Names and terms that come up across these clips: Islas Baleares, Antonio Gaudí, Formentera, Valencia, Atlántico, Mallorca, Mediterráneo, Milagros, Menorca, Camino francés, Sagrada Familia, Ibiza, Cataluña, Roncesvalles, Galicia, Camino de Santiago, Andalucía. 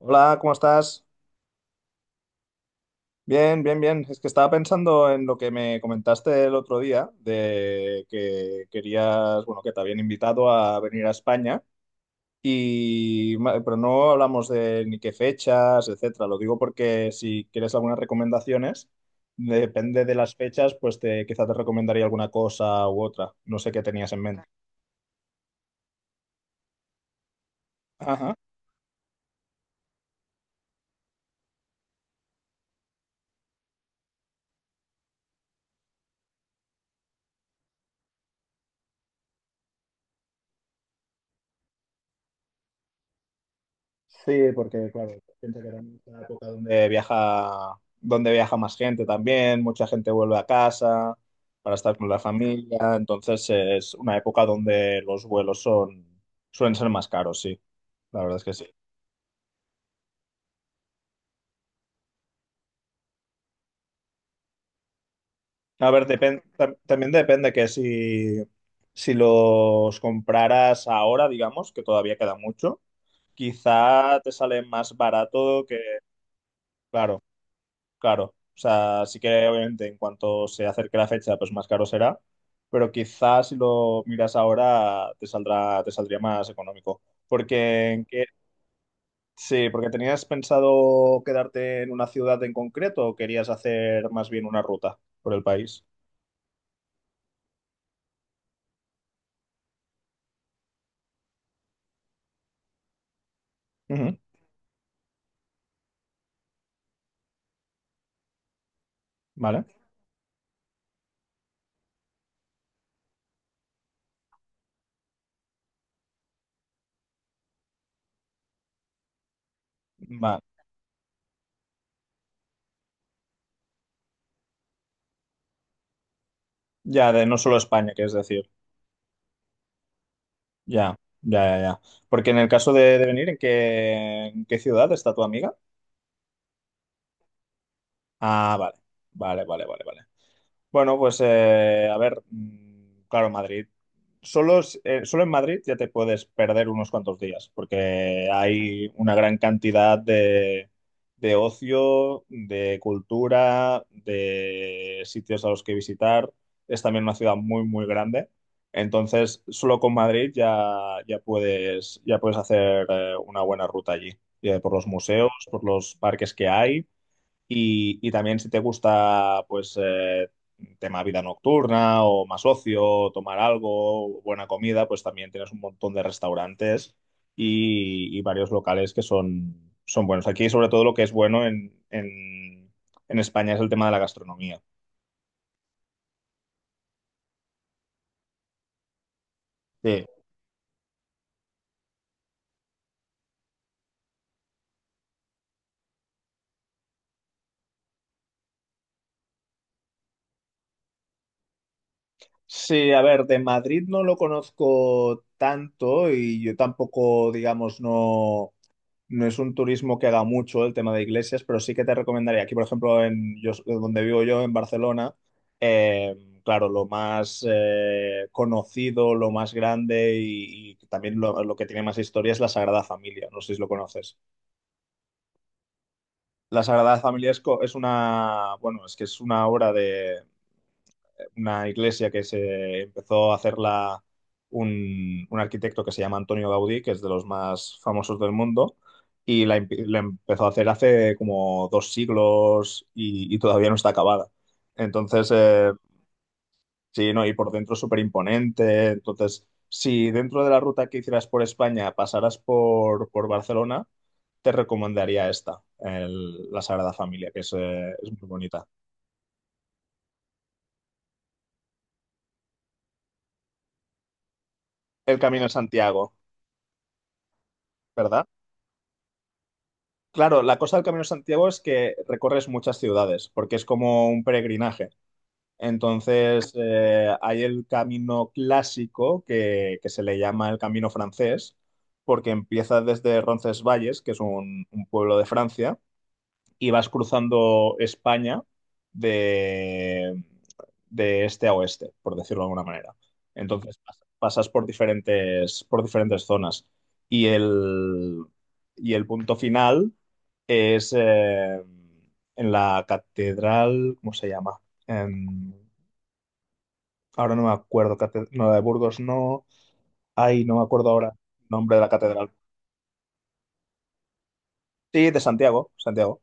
Hola, ¿cómo estás? Bien, bien, bien. Es que estaba pensando en lo que me comentaste el otro día, de que querías, bueno, que te habían invitado a venir a España, y, pero no hablamos de ni qué fechas, etcétera. Lo digo porque si quieres algunas recomendaciones, depende de las fechas, pues te, quizá te recomendaría alguna cosa u otra. No sé qué tenías en mente. Ajá. Sí, porque claro, piensa que era una época donde viaja más gente también, mucha gente vuelve a casa para estar con la familia, entonces es una época donde los vuelos son, suelen ser más caros, sí, la verdad es que sí. A ver, también depende que si, si los compraras ahora, digamos, que todavía queda mucho, quizá te sale más barato que, claro. Claro, o sea, sí que obviamente en cuanto se acerque la fecha, pues más caro será, pero quizás si lo miras ahora te saldrá, te saldría más económico. Porque en qué- sí, porque tenías pensado quedarte en una ciudad en concreto o querías hacer más bien una ruta por el país. Ujú, vale, va. Ya de no solo España, que es decir, ya, ya, ya, ya. Porque en el caso de venir, en qué ciudad está tu amiga? Ah, vale, vale, vale, vale, vale. Bueno, pues a ver, mm, claro, Madrid. Solo, solo en Madrid ya te puedes perder unos cuantos días, porque hay una gran cantidad de ocio, de cultura, de sitios a los que visitar. Es también una ciudad muy, muy grande. Entonces, solo con Madrid ya, ya puedes hacer una buena ruta allí, por los museos, por los parques que hay y también si te gusta, pues, tema vida nocturna o más ocio, tomar algo, buena comida, pues también tienes un montón de restaurantes y varios locales que son, son buenos. Aquí, sobre todo, lo que es bueno en España es el tema de la gastronomía. Sí. Sí, a ver, de Madrid no lo conozco tanto y yo tampoco, digamos, no. No es un turismo que haga mucho el tema de iglesias, pero sí que te recomendaría, aquí por ejemplo, en yo, donde vivo yo, en Barcelona, eh, claro, lo más conocido, lo más grande y también lo que tiene más historia es la Sagrada Familia, no sé si lo conoces. La Sagrada Familia es, es una, bueno, es que es una obra de, una iglesia que se empezó a hacerla un arquitecto que se llama Antonio Gaudí, que es de los más famosos del mundo, y la, la empezó a hacer hace como dos siglos y todavía no está acabada. Entonces, sí, no, y por dentro es súper imponente. Entonces, si dentro de la ruta que hicieras por España pasaras por Barcelona, te recomendaría esta, la Sagrada Familia, que es muy bonita. El Camino de Santiago, ¿verdad? Claro, la cosa del Camino de Santiago es que recorres muchas ciudades, porque es como un peregrinaje. Entonces, hay el camino clásico que se le llama el Camino francés, porque empieza desde Roncesvalles, que es un pueblo de Francia, y vas cruzando España de, de este a oeste, por decirlo de alguna manera. Entonces pasas por diferentes zonas. Y el, y el punto final es en la catedral, ¿cómo se llama? En- ahora no me acuerdo, no, la de Burgos no. Ay, no me acuerdo ahora el nombre de la catedral. Sí, de Santiago, Santiago.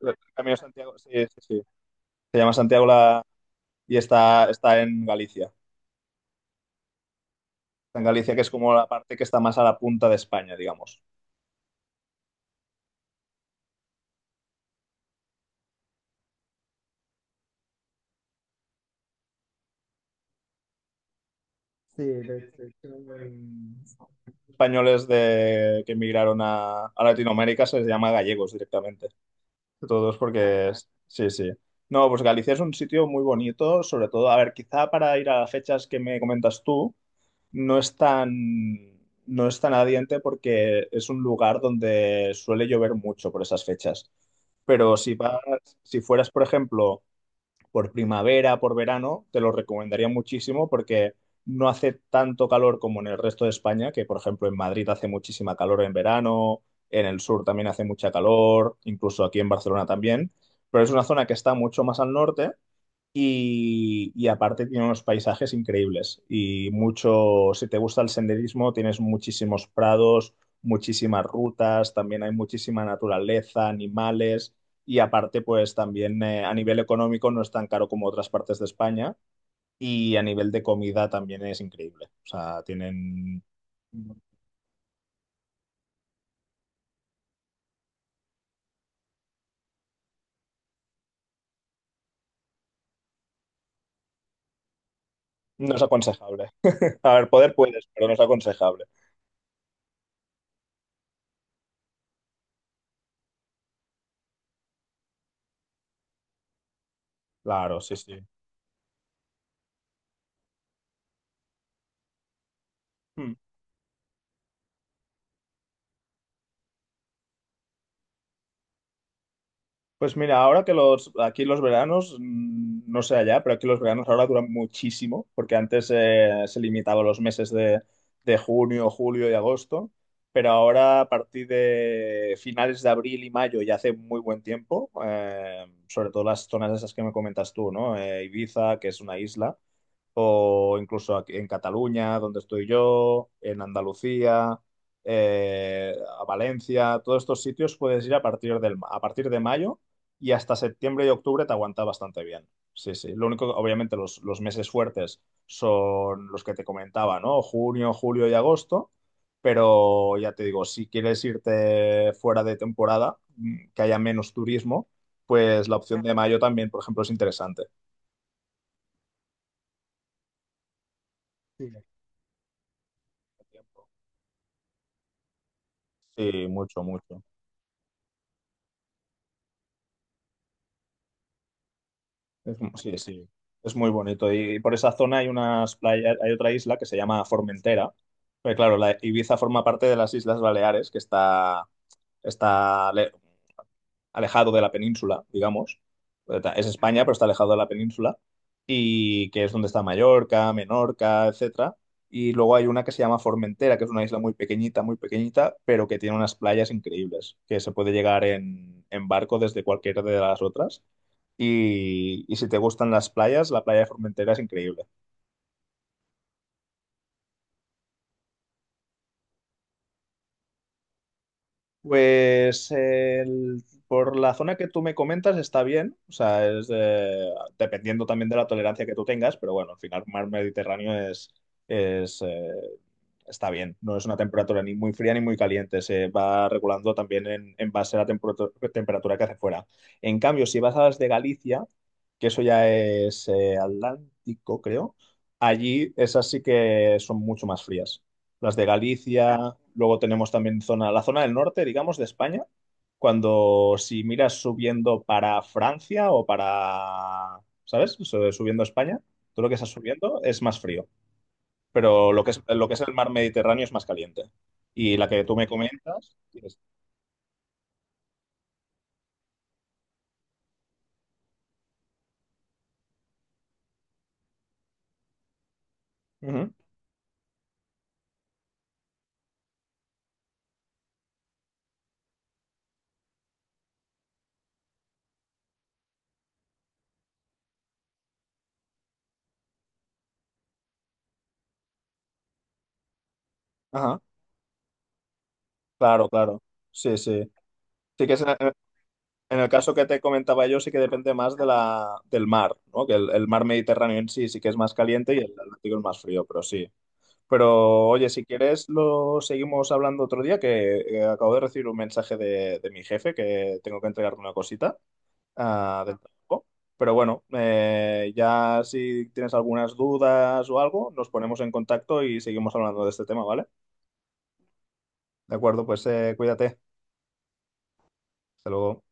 El Camino de Santiago, sí, sí, sí. Se llama Santiago la, y está, está en Galicia. Está en Galicia, que es como la parte que está más a la punta de España, digamos. Sí, de hecho, en- españoles de, que emigraron a Latinoamérica se les llama gallegos directamente. Todos porque, sí, sí. No, pues Galicia es un sitio muy bonito, sobre todo, a ver, quizá para ir a las fechas que me comentas tú, no es tan, no es tan adiente porque es un lugar donde suele llover mucho por esas fechas. Pero si vas, si fueras, por ejemplo, por primavera, por verano, te lo recomendaría muchísimo porque no hace tanto calor como en el resto de España, que por ejemplo en Madrid hace muchísima calor en verano, en el sur también hace mucha calor, incluso aquí en Barcelona también, pero es una zona que está mucho más al norte y aparte tiene unos paisajes increíbles y mucho, si te gusta el senderismo, tienes muchísimos prados, muchísimas rutas, también hay muchísima naturaleza, animales y aparte pues también a nivel económico no es tan caro como otras partes de España y a nivel de comida también es increíble. O sea, tienen... No es aconsejable. A ver, poder puedes, pero no es aconsejable. Claro, sí, sí. Pues mira, ahora que los, aquí los veranos, mm, no sé allá, pero aquí los veranos ahora duran muchísimo, porque antes se limitaba a los meses de junio, julio y agosto, pero ahora a partir de finales de abril y mayo ya hace muy buen tiempo, sobre todo las zonas esas que me comentas tú, ¿no? Ibiza, que es una isla, o incluso aquí en Cataluña, donde estoy yo, en Andalucía, a Valencia, todos estos sitios puedes ir a partir del, a partir de mayo y hasta septiembre y octubre te aguanta bastante bien. Sí, sí. Lo único, obviamente, los meses fuertes son los que te comentaba, ¿no? Junio, julio y agosto. Pero ya te digo, si quieres irte fuera de temporada, mm, que haya menos turismo, pues la opción de mayo también, por ejemplo, es interesante. Sí, mucho. Sí, mucho, mucho. Sí, sí, es muy bonito. Y por esa zona hay unas playas, hay otra isla que se llama Formentera. Pero claro, la Ibiza forma parte de las Islas Baleares, que está está ale- alejado de la península, digamos. Es España, pero está alejado de la península. Y que es donde está Mallorca, Menorca, etcétera. Y luego hay una que se llama Formentera, que es una isla muy pequeñita, pero que tiene unas playas increíbles, que se puede llegar en barco desde cualquiera de las otras. Y si te gustan las playas, la playa de Formentera es increíble. Pues el- por la zona que tú me comentas está bien, o sea, es dependiendo también de la tolerancia que tú tengas, pero bueno, al final mar Mediterráneo es, está bien, no es una temperatura ni muy fría ni muy caliente, se va regulando también en base a la temperatura, temperatura que hace fuera. En cambio, si vas a las de Galicia, que eso ya es Atlántico, creo, allí esas sí que son mucho más frías las de Galicia, luego tenemos también zona, la zona del norte, digamos, de España, cuando si miras subiendo para Francia o para, ¿sabes? Subiendo a España, todo lo que estás subiendo es más frío, pero lo que es el mar Mediterráneo es más caliente. Y la que tú me comentas, tienes- Ujú. Ajá, claro, claro. Sí, sí. Sí que es en el caso que te comentaba yo, sí que depende más de la, del mar, ¿no? Que el mar Mediterráneo en sí sí que es más caliente y el Atlántico es más frío, pero sí. Pero oye, si quieres lo seguimos hablando otro día, que acabo de recibir un mensaje de mi jefe que tengo que entregarle una cosita del trabajo. Pero bueno, ya si tienes algunas dudas o algo, nos ponemos en contacto y seguimos hablando de este tema, ¿vale? De acuerdo, pues cuídate. Hasta luego.